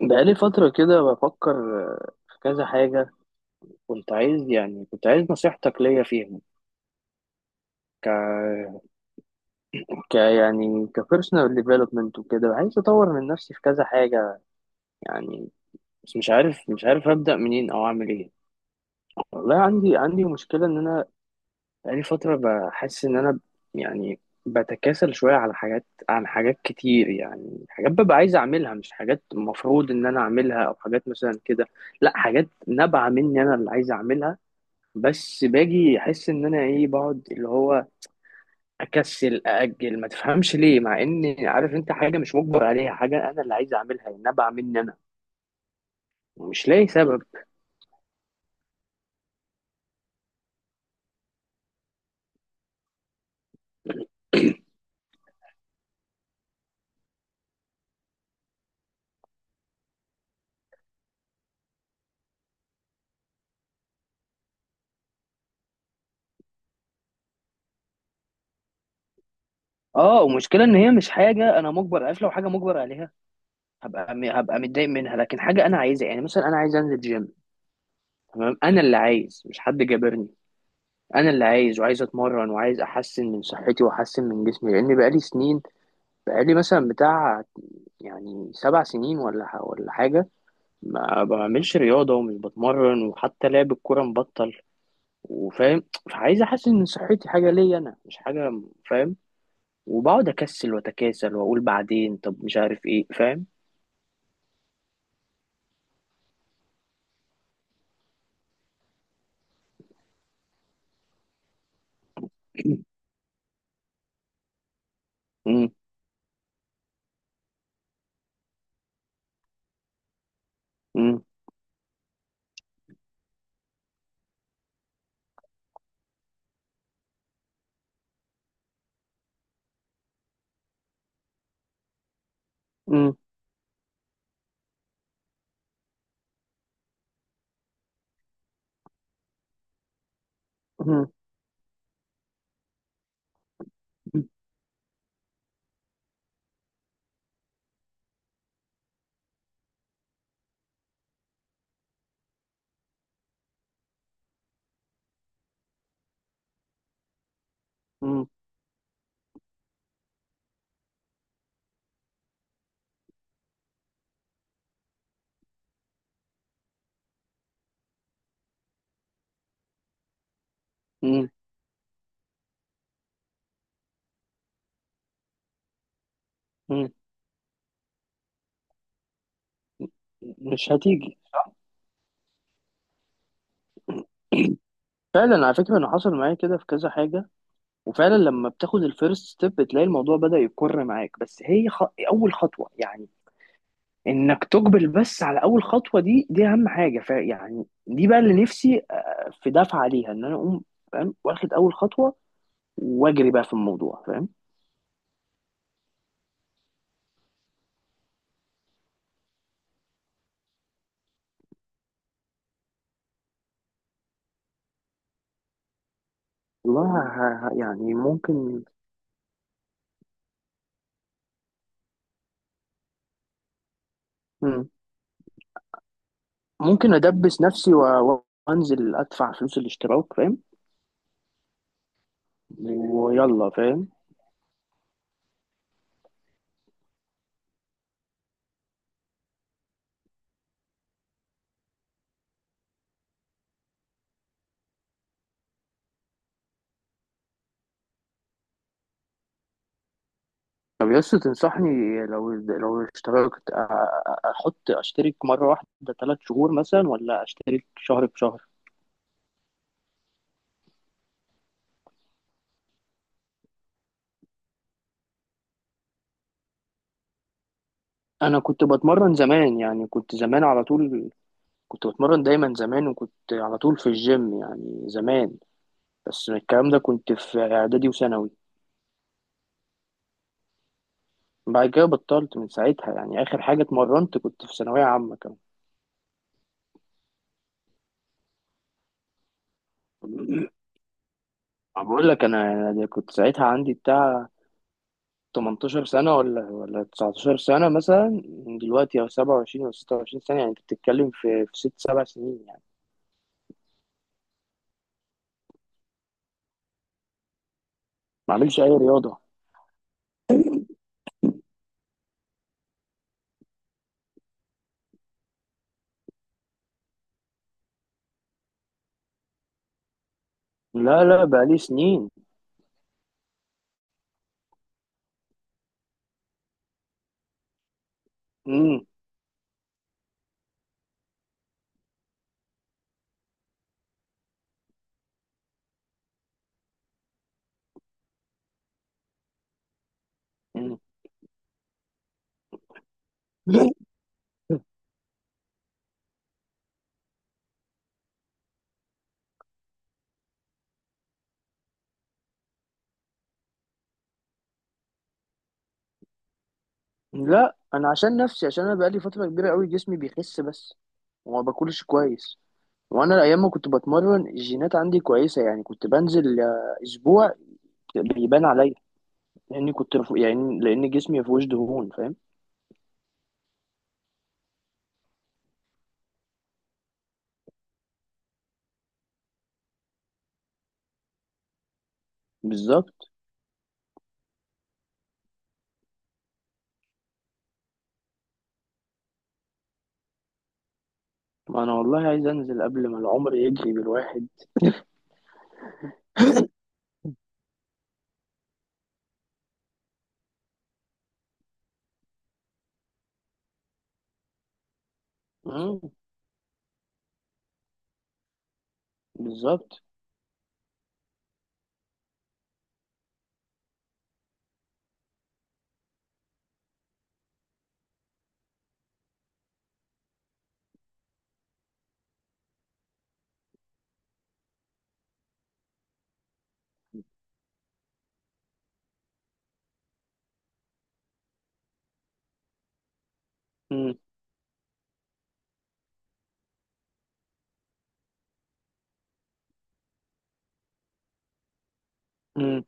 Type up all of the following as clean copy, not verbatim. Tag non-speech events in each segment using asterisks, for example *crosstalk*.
بقالي فترة كده بفكر في كذا حاجة. كنت عايز يعني كنت عايز نصيحتك ليا فيهم. ك... ك يعني كبيرسونال ديفلوبمنت وكده، عايز أطور من نفسي في كذا حاجة يعني، بس مش عارف أبدأ منين أو أعمل إيه. والله عندي مشكلة إن أنا بقالي فترة بحس إن أنا يعني بتكاسل شوية على حاجات، عن حاجات كتير، يعني حاجات ببقى عايز أعملها، مش حاجات المفروض إن أنا أعملها، أو حاجات مثلا كده. لا، حاجات نابعة مني، أنا اللي عايز أعملها، بس باجي احس ان انا ايه، بقعد اللي هو اكسل، ااجل، ما تفهمش ليه، مع ان عارف انت حاجه مش مجبر عليها، حاجه انا اللي عايز اعملها، النبع مني انا، ومش لاقي سبب. اه، ومشكله ان هي مش حاجه انا مجبر، عارف، لو حاجه مجبر عليها هبقى متضايق منها، لكن حاجه انا عايزها، يعني مثلا انا عايز انزل جيم. تمام، انا اللي عايز، مش حد جابرني، انا اللي عايز، وعايز اتمرن وعايز احسن من صحتي واحسن من جسمي، لان بقالي سنين، بقالي مثلا بتاع، يعني سبع سنين ولا حاجه ما بعملش رياضة ومش بتمرن، وحتى لعب الكورة مبطل، وفاهم، فعايز أحسن من صحتي حاجة ليا أنا، مش حاجة، فاهم. وبقعد أكسل وأتكاسل وأقول بعدين، طب مش عارف إيه، فاهم. *clears throat* مم، مم، مم، مم، مم، مم، مم. مش هتيجي صح؟ فعلا على فكرة أنا حصل معايا كده في كذا حاجة، وفعلا لما بتاخد الفيرست ستيب بتلاقي الموضوع بدأ يكر معاك، بس هي أول خطوة، يعني انك تقبل، بس على اول خطوه دي اهم حاجه، ف يعني دي بقى اللي نفسي في دفعه عليها، ان انا اقوم، فاهم، واخد اول خطوه، واجري بقى في الموضوع، فاهم. والله يعني ممكن. مم. ممكن ادبس نفسي وانزل ادفع فلوس الاشتراك، فاهم، ويلا، فاهم. طب يس، تنصحني لو اشتركت أ- أ- احط اشترك مره واحده ثلاث شهور مثلا، ولا اشترك شهر بشهر؟ انا كنت بتمرن زمان، يعني كنت زمان على طول، كنت بتمرن دايما زمان، وكنت على طول في الجيم يعني زمان، بس الكلام ده كنت في اعدادي وثانوي. بعد كده بطلت من ساعتها، يعني اخر حاجه اتمرنت كنت في ثانويه عامه كمان. *coughs* *clears throat* بقول لك انا، كنت ساعتها عندي بتاع 18 سنه، ولا 19 سنه مثلا، دلوقتي او 27 او 26 سنه، يعني انت بتتكلم في ست سبع سنين، يعني ما عملش اي رياضه. لا لا، بقالي سنين. امم. *coughs* *clears throat* لا، انا عشان نفسي، عشان انا بقالي فتره كبيره قوي جسمي بيخس بس، وما باكلش كويس. وانا ايام ما كنت بتمرن الجينات عندي كويسه، يعني كنت بنزل اسبوع بيبان عليا، لاني كنت رفو، يعني لان جسمي ما فيهوش دهون، فاهم. بالظبط. ما انا والله عايز انزل قبل ما العمر يجري بالواحد. مم، بالظبط. مم، مم.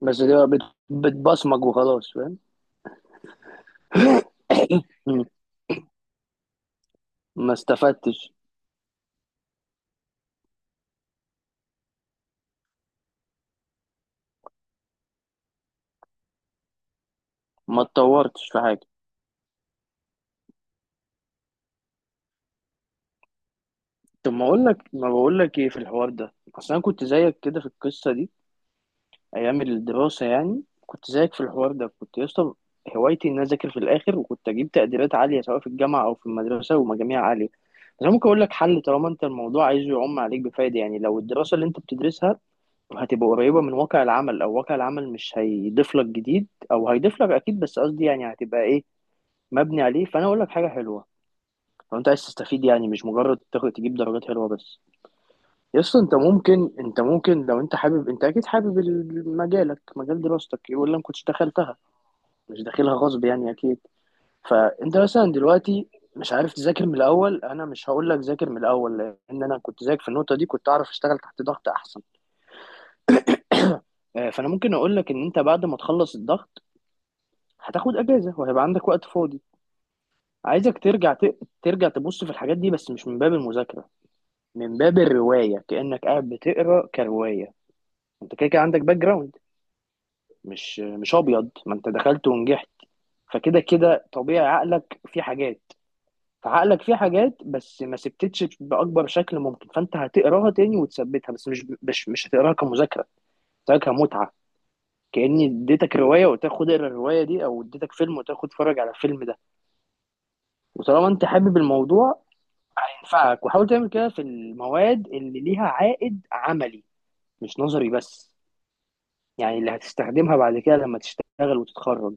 بس ده بتبصمج وخلاص، فاهم. *coughs* مم. ما استفدتش، ما اتطورتش في حاجه. طب، ما بقول لك ايه في الحوار ده، اصل انا كنت زيك كده في القصه دي، ايام الدراسه، يعني كنت زيك في الحوار ده. كنت يا اسطى هوايتي ان أنا اذاكر في الاخر، وكنت اجيب تقديرات عاليه، سواء في الجامعه او في المدرسه، ومجاميع عاليه. بس انا ممكن اقول لك حل، طالما انت الموضوع عايزه يعم عليك بفايده، يعني لو الدراسه اللي انت بتدرسها هتبقى قريبه من واقع العمل، او واقع العمل مش هيضيف لك جديد، او هيضيف لك اكيد، بس قصدي يعني هتبقى ايه، مبني عليه، فانا اقول لك حاجه حلوه. لو انت عايز تستفيد، يعني مش مجرد تجيب درجات حلوه بس. يس، انت ممكن لو انت حابب، انت اكيد حابب مجالك، مجال دراستك، ولا ما كنتش دخلتها، مش داخلها غصب يعني، اكيد. فانت مثلا دلوقتي مش عارف تذاكر من الاول، انا مش هقول لك ذاكر من الاول، لان انا كنت ذاكر في النقطه دي، كنت اعرف اشتغل تحت ضغط احسن. فانا ممكن اقول لك ان انت بعد ما تخلص الضغط هتاخد اجازه، وهيبقى عندك وقت فاضي. عايزك ترجع ترجع تبص في الحاجات دي، بس مش من باب المذاكره، من باب الروايه، كانك قاعد بتقرا كروايه. انت كده كده عندك باك جراوند، مش ابيض، ما انت دخلت ونجحت، فكده كده طبيعي عقلك فيه حاجات. فعقلك فيه حاجات بس ما سبتتش باكبر شكل ممكن، فانت هتقراها تاني وتثبتها، بس مش هتقراها كمذاكره، هتقراها كمتعه، كاني اديتك روايه وتاخد اقرا الروايه دي، او اديتك فيلم وتاخد اتفرج على الفيلم ده، وطالما انت حابب الموضوع هينفعك. وحاول تعمل كده في المواد اللي ليها عائد عملي، مش نظري بس، يعني اللي هتستخدمها بعد كده لما تشتغل وتتخرج.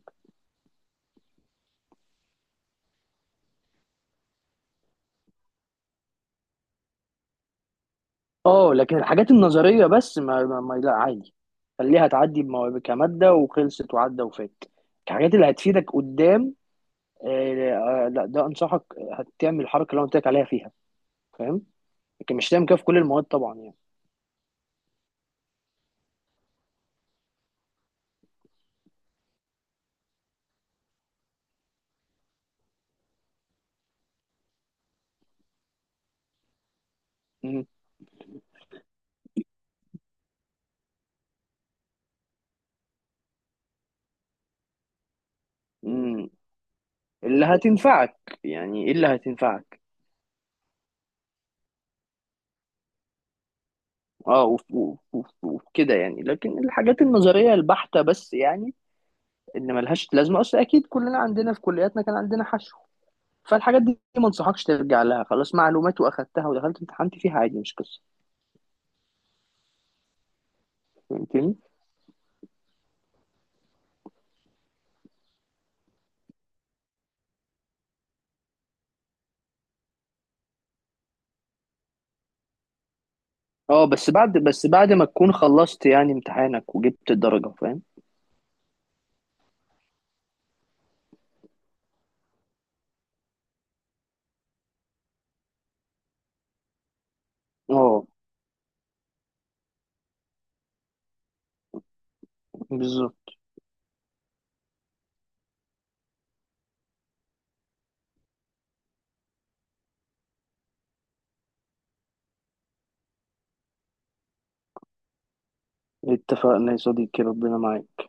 اه، لكن الحاجات النظريه بس ما, ما, ما لا، عادي، خليها تعدي كماده وخلصت وعدى وفات. الحاجات اللي هتفيدك قدام، آه، لا، ده انصحك هتعمل الحركه اللي انا قلت لك عليها فيها، فاهم، لكن مش هتعمل كده في كل المواد طبعا، يعني. مم. مم. اللي هتنفعك، يعني ايه اللي هتنفعك. اه، وكده يعني، لكن الحاجات النظريه البحته بس، يعني ان ملهاش لازمه، اصل اكيد كلنا عندنا في كلياتنا كان عندنا حشو، فالحاجات دي ما انصحكش ترجع لها، خلاص معلومات واخدتها ودخلت امتحنت فيها عادي، مش قصه. فهمتني. اه، بس بعد ما تكون خلصت يعني امتحانك وجبت الدرجه، فاهم. اه، بالظبط. اتفقنا يا صديقي، ربنا معاك.